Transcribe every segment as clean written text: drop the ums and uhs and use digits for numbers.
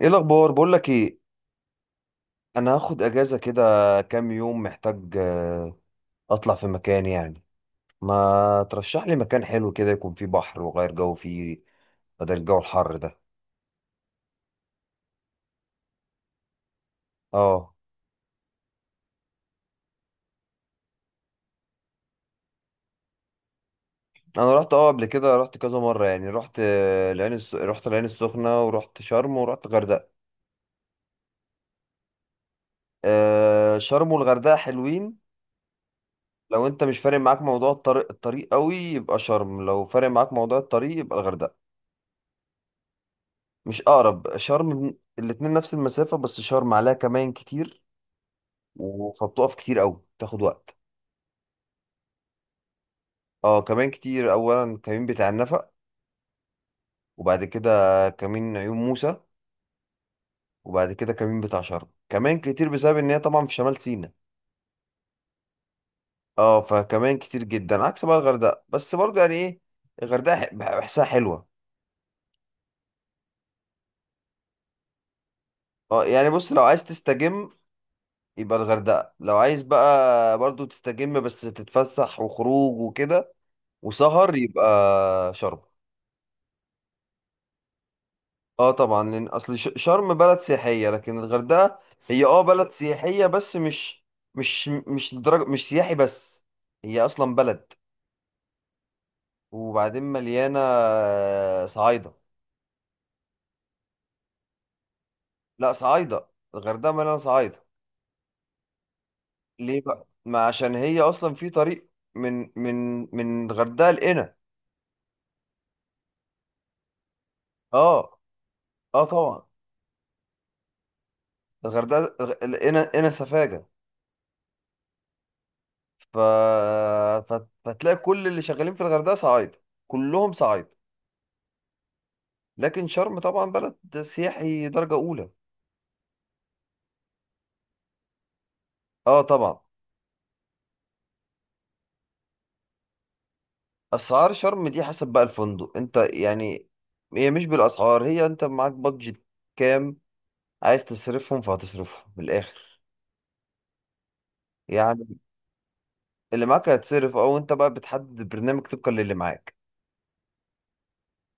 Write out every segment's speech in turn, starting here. ايه الاخبار، بقول لك ايه؟ انا هاخد اجازه كده، كام يوم محتاج، اطلع في مكان يعني. ما ترشح لي مكان حلو كده يكون فيه بحر وغير جو فيه، بدل الجو الحر ده. اه. انا رحت، قبل كده رحت كذا مره يعني، رحت رحت العين السخنه، ورحت شرم، ورحت غردقه. شرم والغردقه حلوين. لو انت مش فارق معاك موضوع الطريق قوي يبقى شرم، لو فارق معاك موضوع الطريق يبقى الغردقه. مش اقرب، الاتنين نفس المسافه، بس شرم عليها كمان كتير. فبتقف كتير قوي، تاخد وقت. اه كمان كتير، اولا كمين بتاع النفق، وبعد كده كمين عيون موسى، وبعد كده كمين بتاع شرم كمان كتير، بسبب ان هي طبعا في شمال سيناء. اه فكمان كتير جدا، عكس بقى الغردقه. بس برضه يعني ايه، بحسها حلوه. اه يعني بص، لو عايز تستجم يبقى الغردقه، لو عايز بقى برضه تستجم بس تتفسح وخروج وكده وسهر يبقى شرم. اه طبعا، لان اصل شرم بلد سياحيه، لكن الغردقه هي اه بلد سياحيه، بس مش لدرجه، مش سياحي بس، هي اصلا بلد. وبعدين مليانه صعايده. لا صعايده، الغردقه مليانه صعايده. ليه بقى؟ ما عشان هي اصلا في طريق، من من من الغردقه لقنا. اه. اه طبعا، الغردقه لقنا قنا سفاجه. ف... فتلاقي كل اللي شغالين في الغردقه صعايده، كلهم صعايده. لكن شرم طبعا بلد سياحي درجة أولى. اه طبعا. أسعار شرم دي حسب بقى الفندق انت يعني، هي مش بالأسعار، هي انت معاك بادجت كام عايز تصرفهم، فهتصرفهم من الآخر يعني. اللي معاك هيتصرف، او انت بقى بتحدد البرنامج طبقا للي معاك.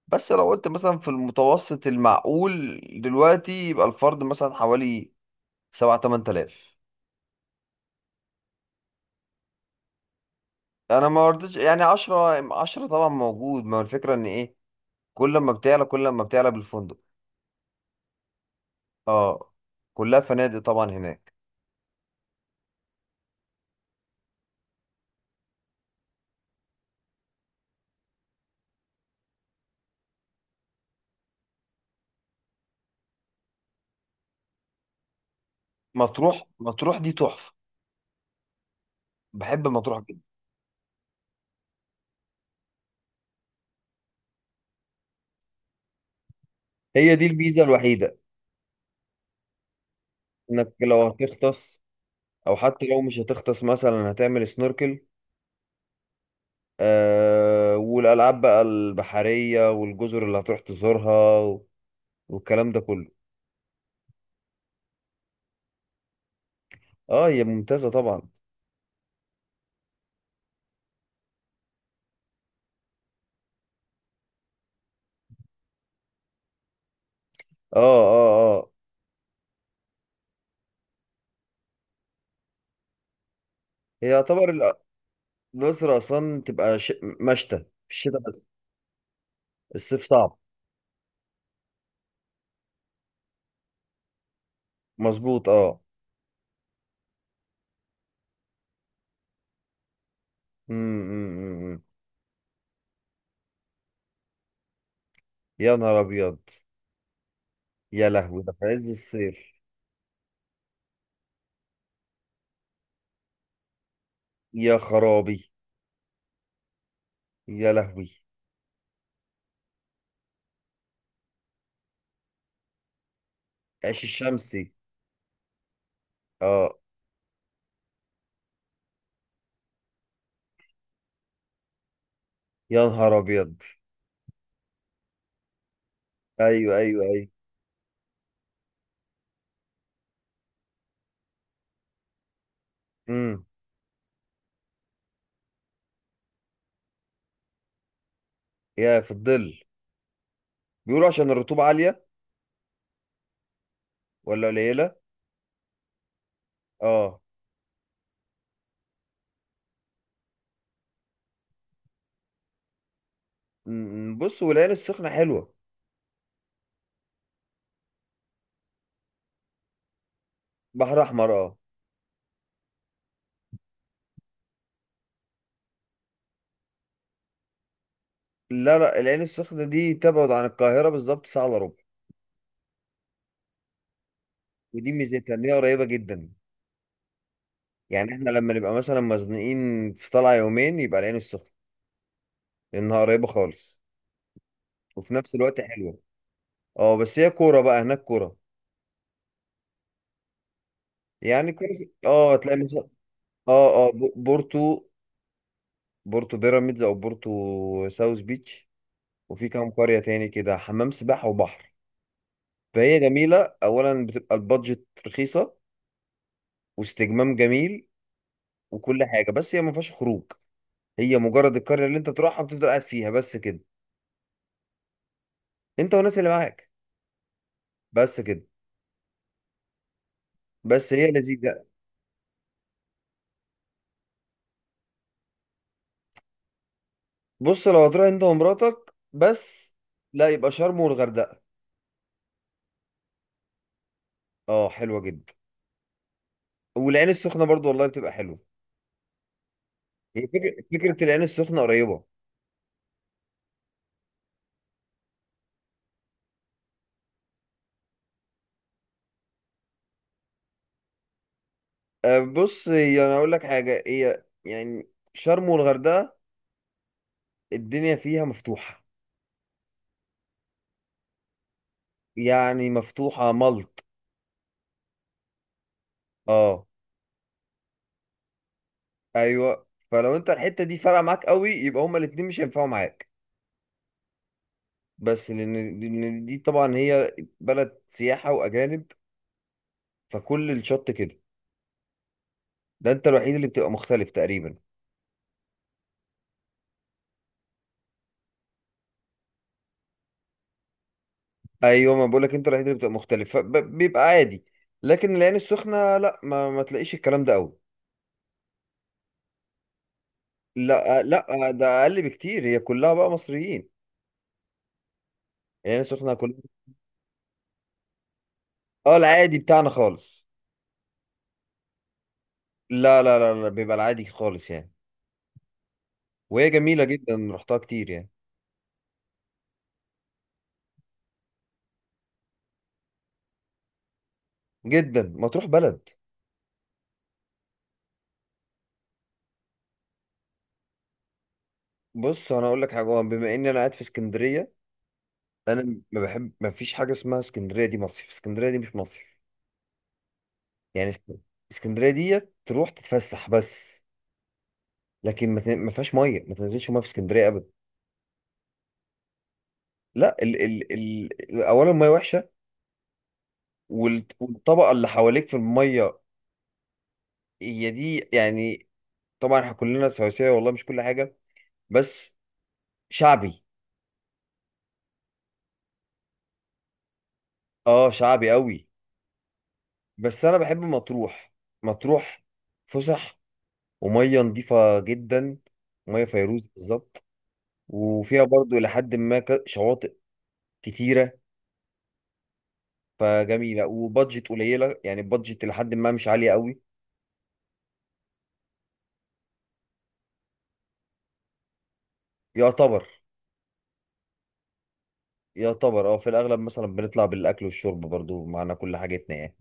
بس لو قلت مثلا في المتوسط المعقول دلوقتي يبقى الفرد مثلا حوالي 7 8 آلاف. انا ما رضيتش يعني، 10، 10 طبعا موجود، ما هو الفكرة ان ايه، كل ما بتعلى كل ما بتعلى بالفندق. اه. كلها فنادق طبعا هناك. مطروح، مطروح دي تحفة. بحب مطروح جدا. هي دي الميزة الوحيدة، انك لو هتغطس او حتى لو مش هتغطس مثلا هتعمل سنوركل. آه والالعاب بقى البحرية، والجزر اللي هتروح تزورها، والكلام ده كله. اه هي ممتازة طبعا. اه اه اه. هي يعتبر الأقصر أصلا تبقى مشتى في الشتاء بس، الصيف صعب. مظبوط اه. أمم، أمم، أمم. يا نهار أبيض. يا لهوي، ده في عز الصيف. يا خرابي. يا لهوي. عيش الشمسي. اه. يا نهار ابيض. ايوه ايوه ايوه. امم. يا، في الظل. بيقولوا عشان الرطوبه عاليه ولا قليله؟ اه. أمم، بص، والعين السخنه حلوه. بحر احمر اه. لا لا، العين السخنه دي تبعد عن القاهره بالظبط ساعه الا ربع. ودي ميزتها ان هي قريبه جدا، يعني احنا لما نبقى مثلا مزنوقين في طلعه يومين يبقى العين السخنه، لانها قريبه خالص وفي نفس الوقت حلوه. اه بس هي كوره بقى، هناك كوره. يعني كويس اه، تلاقي مثلا، اه اه بورتو، بورتو بيراميدز، او بورتو ساوث بيتش، وفي كام قرية تاني كده، حمام سباحة وبحر. فهي جميلة، اولا بتبقى البادجت رخيصة، واستجمام جميل وكل حاجة، بس هي ما فيهاش خروج. هي مجرد القرية اللي انت تروحها بتفضل قاعد فيها بس كده، انت والناس اللي معاك، بس كده. بس هي لذيذة. بص لو هتروح انت ومراتك بس، لا يبقى شرم والغردقة، اه حلوة جدا. والعين السخنة برضو والله بتبقى حلوة، هي فكرة العين السخنة قريبة. أه، بص، هي أنا أقول لك حاجة، هي يعني شرم والغردقة الدنيا فيها مفتوحة. يعني مفتوحة ملط. أه. أيوه، فلو أنت الحتة دي فارقة معاك قوي يبقى هما الاتنين مش هينفعوا معاك. بس لأن دي طبعا هي بلد سياحة وأجانب، فكل الشط كده، ده أنت الوحيد اللي بتبقى مختلف تقريبا. أيوه، ما بقولك أنت الوحيد اللي بتبقى مختلف، فبيبقى عادي. لكن العين السخنة لا، ما تلاقيش الكلام ده قوي. لا لا ده اقل بكتير، هي كلها بقى مصريين. يعني سخنة كلها. اه العادي بتاعنا خالص. لا لا لا لا، بيبقى العادي خالص يعني. وهي جميلة جدا، رحتها كتير يعني. جدا مطروح بلد. بص انا اقول لك حاجة، هو بما اني انا قاعد في اسكندرية، انا ما بحب، ما فيش حاجة اسمها اسكندرية دي مصيف، اسكندرية دي مش مصيف يعني. اسكندرية دي تروح تتفسح بس. لكن ما فيهاش مية، ما تنزلش مية في اسكندرية ابدا. لا، ال ال ال اولا المية وحشة، والطبقة اللي حواليك في المية، هي دي يعني، طبعا احنا كلنا سواسية والله، مش كل حاجة، بس شعبي. اه شعبي قوي. بس انا بحب مطروح، مطروح فسح، ومية نظيفة جدا، مية فيروز بالظبط. وفيها برضو إلى حد ما، شواطئ كتيرة، فجميلة، وبادجت قليلة يعني، البادجت إلى حد ما مش عالية قوي. يعتبر يعتبر اه في الأغلب مثلا بنطلع بالأكل والشرب برضو معنا كل حاجتنا يعني.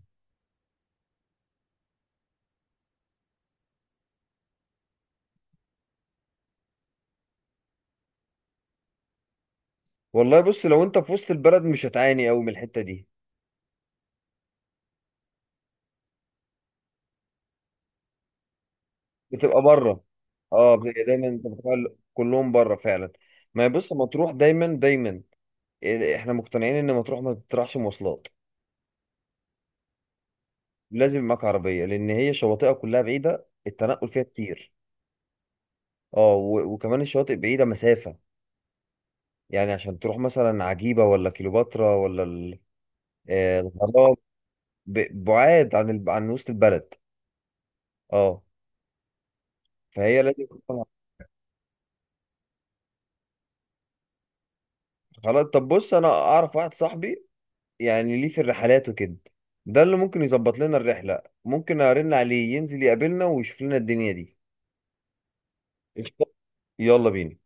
والله بص، لو انت في وسط البلد مش هتعاني قوي من الحتة دي. بتبقى بره، اه بتبقى دايما انت، بتبقى كلهم بره فعلا. ما هي بص، مطروح دايما دايما، احنا مقتنعين ان مطروح ما بتطرحش مواصلات. لازم يبقى معاك عربيه، لان هي شواطئها كلها بعيده، التنقل فيها كتير. اه وكمان الشواطئ بعيده مسافه، يعني عشان تروح مثلا عجيبه ولا كيلوباترا ولا الغرام. بعاد عن عن وسط البلد. اه فهي لازم. خلاص طب بص، انا اعرف واحد صاحبي يعني ليه في الرحلات وكده، ده اللي ممكن يظبط لنا الرحلة، ممكن ارن عليه ينزل يقابلنا ويشوف لنا الدنيا دي. قشطة. يلا بينا.